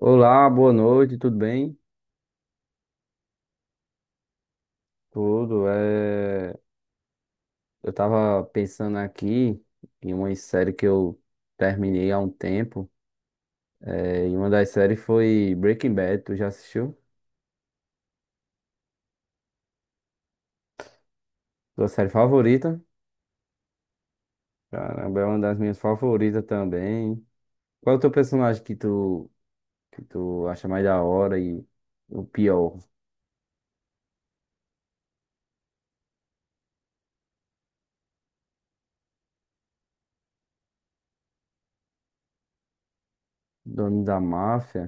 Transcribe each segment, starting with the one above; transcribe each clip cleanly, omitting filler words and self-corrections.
Olá, boa noite, tudo bem? Tudo. Eu tava pensando aqui em uma série que eu terminei há um tempo. E uma das séries foi Breaking Bad. Tu já assistiu? Tua série favorita? Caramba, é uma das minhas favoritas também. Qual é o teu personagem que tu acha mais da hora e o pior? Dono da máfia?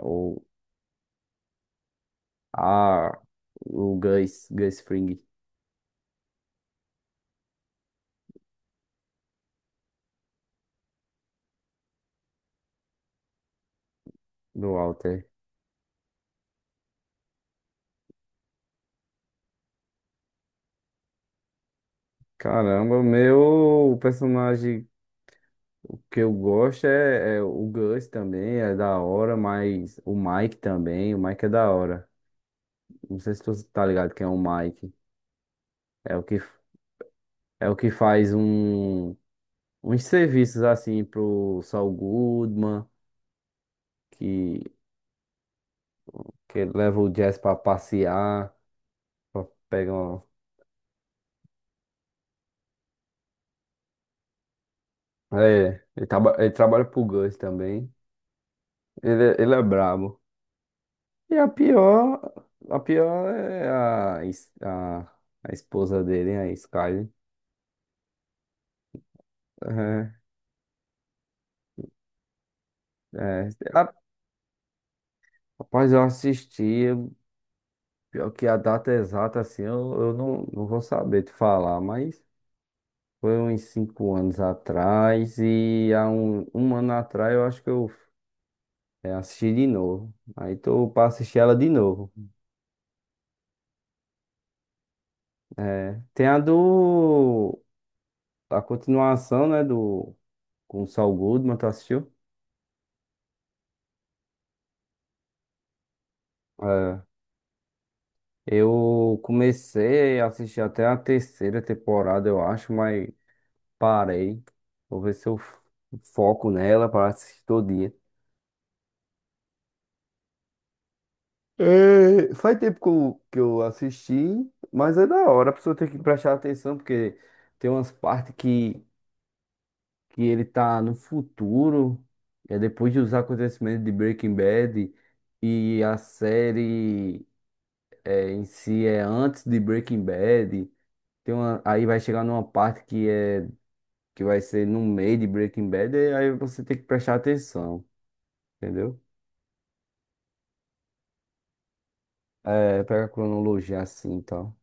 Ou a o Gus, Gus Fring do Walter? Caramba, o meu personagem. Que eu gosto é o Gus também, é da hora, mas o Mike também, o Mike é da hora. Não sei se tu tá ligado quem é o Mike. É o que, é o que faz um, uns serviços assim pro Saul Goodman, que, que ele leva o Jazz pra passear, pra pegar uma... É, ele, ele trabalha pro Gus também. Ele é brabo. E a pior é a esposa dele, a Skyler. É. É, a- rapaz, pior que a data exata, eu não vou saber te falar, mas foi uns 5 anos atrás e há 1 ano atrás eu acho que eu assisti de novo. Aí tô pra assistir ela de novo, né? Tem a do... a continuação, né, do... com o Saul Goodman, tu assistiu? É, eu comecei a assistir até a terceira temporada, eu acho, mas parei. Vou ver se eu f- foco nela para assistir todo dia. Faz tempo que eu assisti, mas é da hora. A pessoa tem que prestar atenção, porque tem umas partes que ele tá no futuro, é depois de os acontecimentos de Breaking Bad, e a série em si é antes de Breaking Bad. Tem uma, aí vai chegar numa parte que vai ser no meio de Breaking Bad, e aí você tem que prestar atenção, entendeu? É, pega a cronologia assim, então.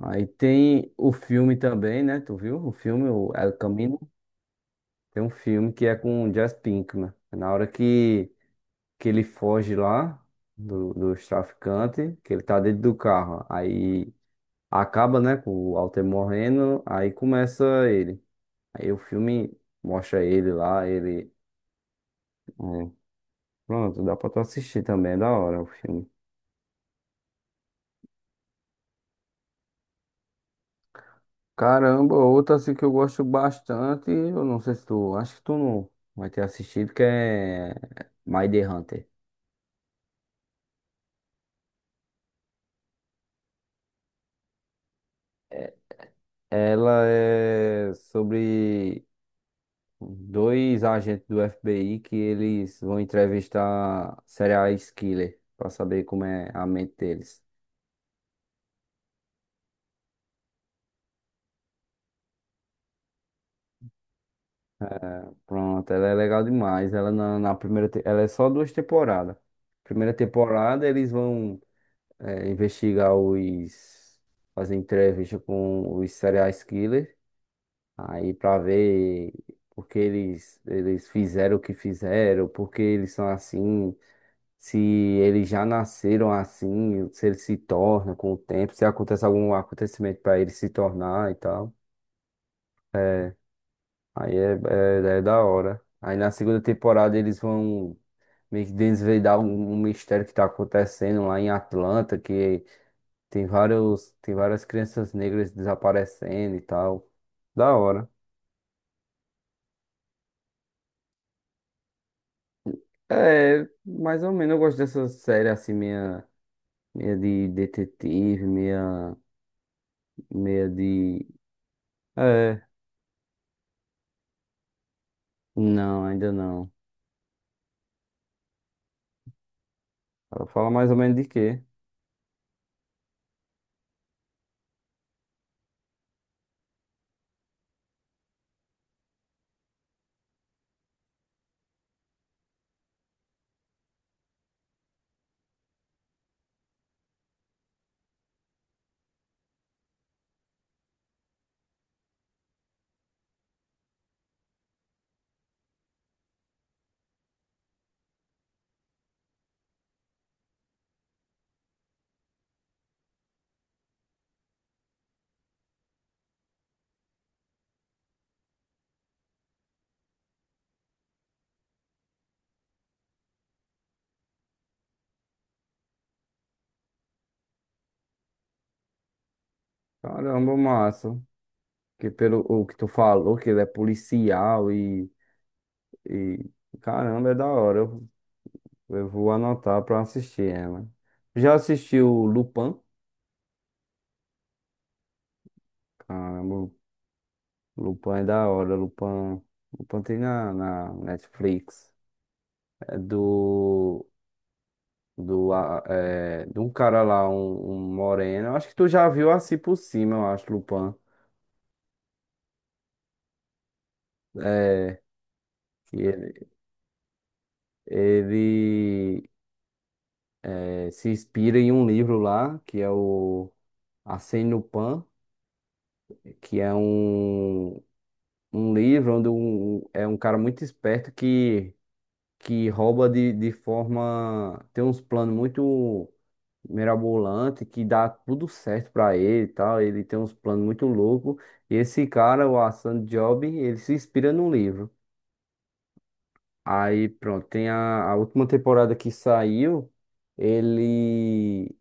Aí tem o filme também, né? Tu viu? O filme, o El Camino. Tem um filme que é com o Jesse Pinkman. É na hora que ele foge lá dos traficantes, que ele tá dentro do carro. Aí acaba, né, com o Walter morrendo, aí começa ele. Aí o filme mostra ele lá, ele... é, pronto, dá pra tu assistir também, é da hora o filme. Caramba, outra assim que eu gosto bastante, eu não sei se tu, acho que tu não vai ter assistido, que é Mind Hunter. É, ela é sobre dois agentes do FBI que eles vão entrevistar serial killer pra saber como é a mente deles. Pronto, ela é legal demais. Na primeira, ela é só duas temporadas. Primeira temporada eles vão investigar os fazer entrevista com os serial killers. Aí pra ver porque eles fizeram o que fizeram, porque eles são assim, se eles já nasceram assim, se eles se tornam com o tempo, se acontece algum acontecimento pra eles se tornar e tal. Aí é da hora. Aí na segunda temporada eles vão meio que desvendar um mistério que tá acontecendo lá em Atlanta, que tem vários, tem várias crianças negras desaparecendo e tal. Da hora. É, mais ou menos eu gosto dessa série assim, meia de detetive, meia de. É, não, ainda não. Ela fala mais ou menos de quê? Caramba, massa. Que pelo o que tu falou, que ele é policial e caramba, é da hora. Eu vou anotar pra assistir ela. Já assistiu Lupin? Caramba, Lupin é da hora. Lupin, Lupin tem na Netflix. É do de um cara lá, um moreno. Eu acho que tu já viu assim por cima, eu acho, Lupin. É, que ele, ele se inspira em um livro lá, que é o Arsène Lupin, que é um livro onde um cara muito esperto que rouba de forma. Tem uns planos muito mirabolante que dá tudo certo pra ele e tal. Ele tem uns planos muito loucos. E esse cara, o Hassan Job, ele se inspira no livro. Aí pronto, tem a última temporada que saiu. Ele,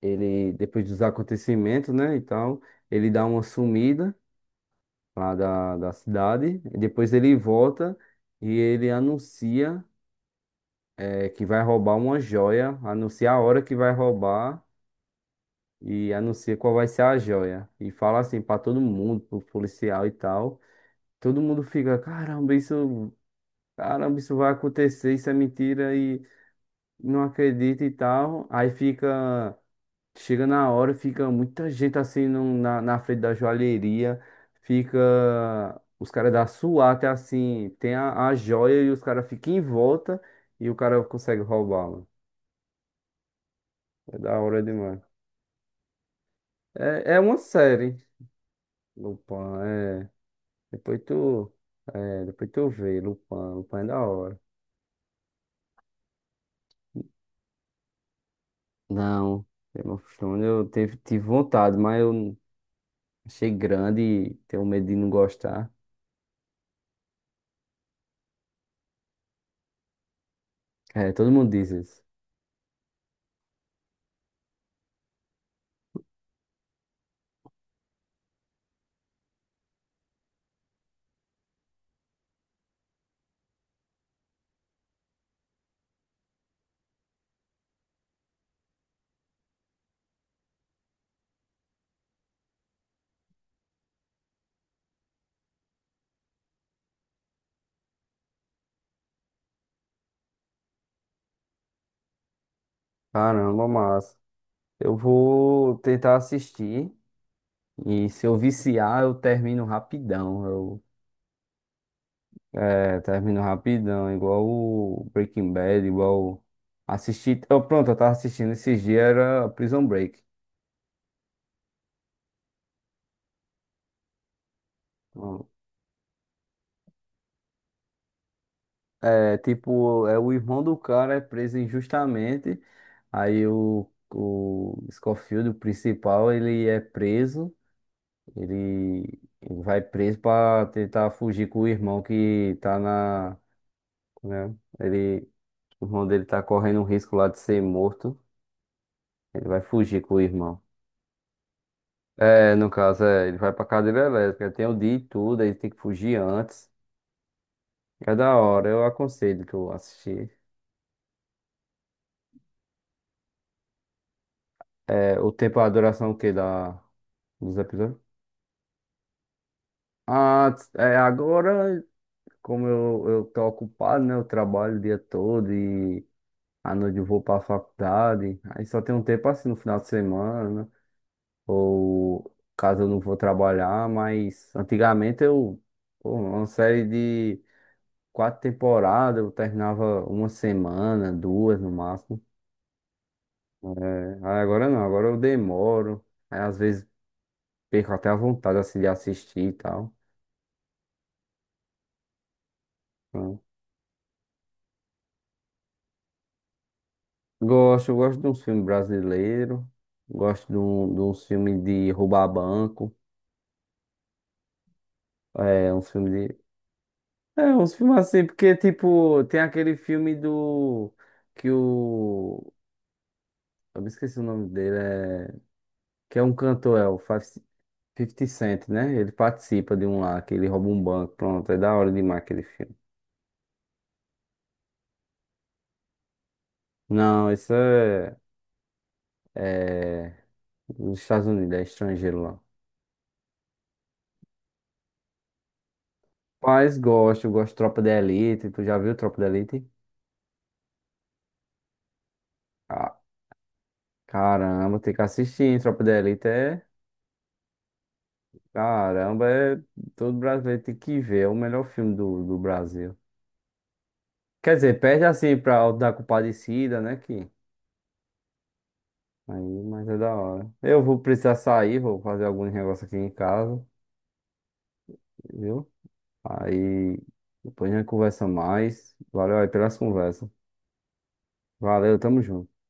ele depois dos acontecimentos, né, e tal, ele dá uma sumida lá da cidade. E depois ele volta e ele anuncia. É que vai roubar uma joia, anuncia a hora que vai roubar e anuncia qual vai ser a joia. E fala assim pra todo mundo, pro policial e tal. Todo mundo fica, caramba, isso vai acontecer, isso é mentira e não acredita e tal. Aí fica, chega na hora, fica muita gente assim na na frente da joalheria, fica os caras da SWAT assim, tem a joia e os caras ficam em volta e o cara consegue roubá-la. É da hora demais. É uma série, Lupin, é. Depois tu, depois tu vê, Lupin, Lupin é da hora. Não, Game of Thrones tive vontade, mas achei grande e tenho medo de não gostar. É, todo mundo diz isso. Caramba, massa. Eu vou tentar assistir e se eu viciar, eu termino rapidão. Termino rapidão, igual o Breaking Bad, igual o- assisti, eu, pronto, eu tava assistindo esses dias, era Prison Break. É tipo, é o irmão do cara é preso injustamente. Aí o Scofield, o principal, ele é preso. Ele vai preso pra tentar fugir com o irmão que tá na, né? Ele, o irmão dele tá correndo um risco lá de ser morto. Ele vai fugir com o irmão. No caso, ele vai pra cadeira elétrica. Tem o dia e tudo, aí tem que fugir antes. É da hora, eu aconselho tu assistir. É, o tempo, a duração dos episódios? Agora, como eu tô ocupado, né? Eu trabalho o dia todo e à noite eu vou pra faculdade. Aí só tem um tempo assim no final de semana, ou caso eu não vou trabalhar, mas antigamente, pô, uma série de 4 temporadas, eu terminava uma semana, duas no máximo. É, aí agora não, agora eu demoro. Aí às vezes perco até a vontade assim de assistir e tal. Né. Gosto, gosto de um filme brasileiro, gosto de um filme de roubar banco, é um filme de. É, uns filmes assim, porque tipo, tem aquele filme do. Que o. Eu me esqueci o nome dele, é. Que é um cantor, é o 50 Cent, né? Ele participa de um lá, que ele rouba um banco, pronto, é da hora demais aquele filme. Não, isso é. É. Nos Estados Unidos, é estrangeiro lá. Mas gosto, gosto de Tropa de Elite, tu já viu Tropa de Elite? Caramba, tem que assistir, hein? Tropa de Elite é. Caramba, é... todo brasileiro tem que ver. É o melhor filme do Brasil. Quer dizer, perde assim pra Auto da Compadecida, né? Que... Aí, mas é da hora. Eu vou precisar sair, vou fazer alguns negócios aqui em casa, viu? Aí depois a gente conversa mais. Valeu aí pelas conversas. Valeu, tamo junto.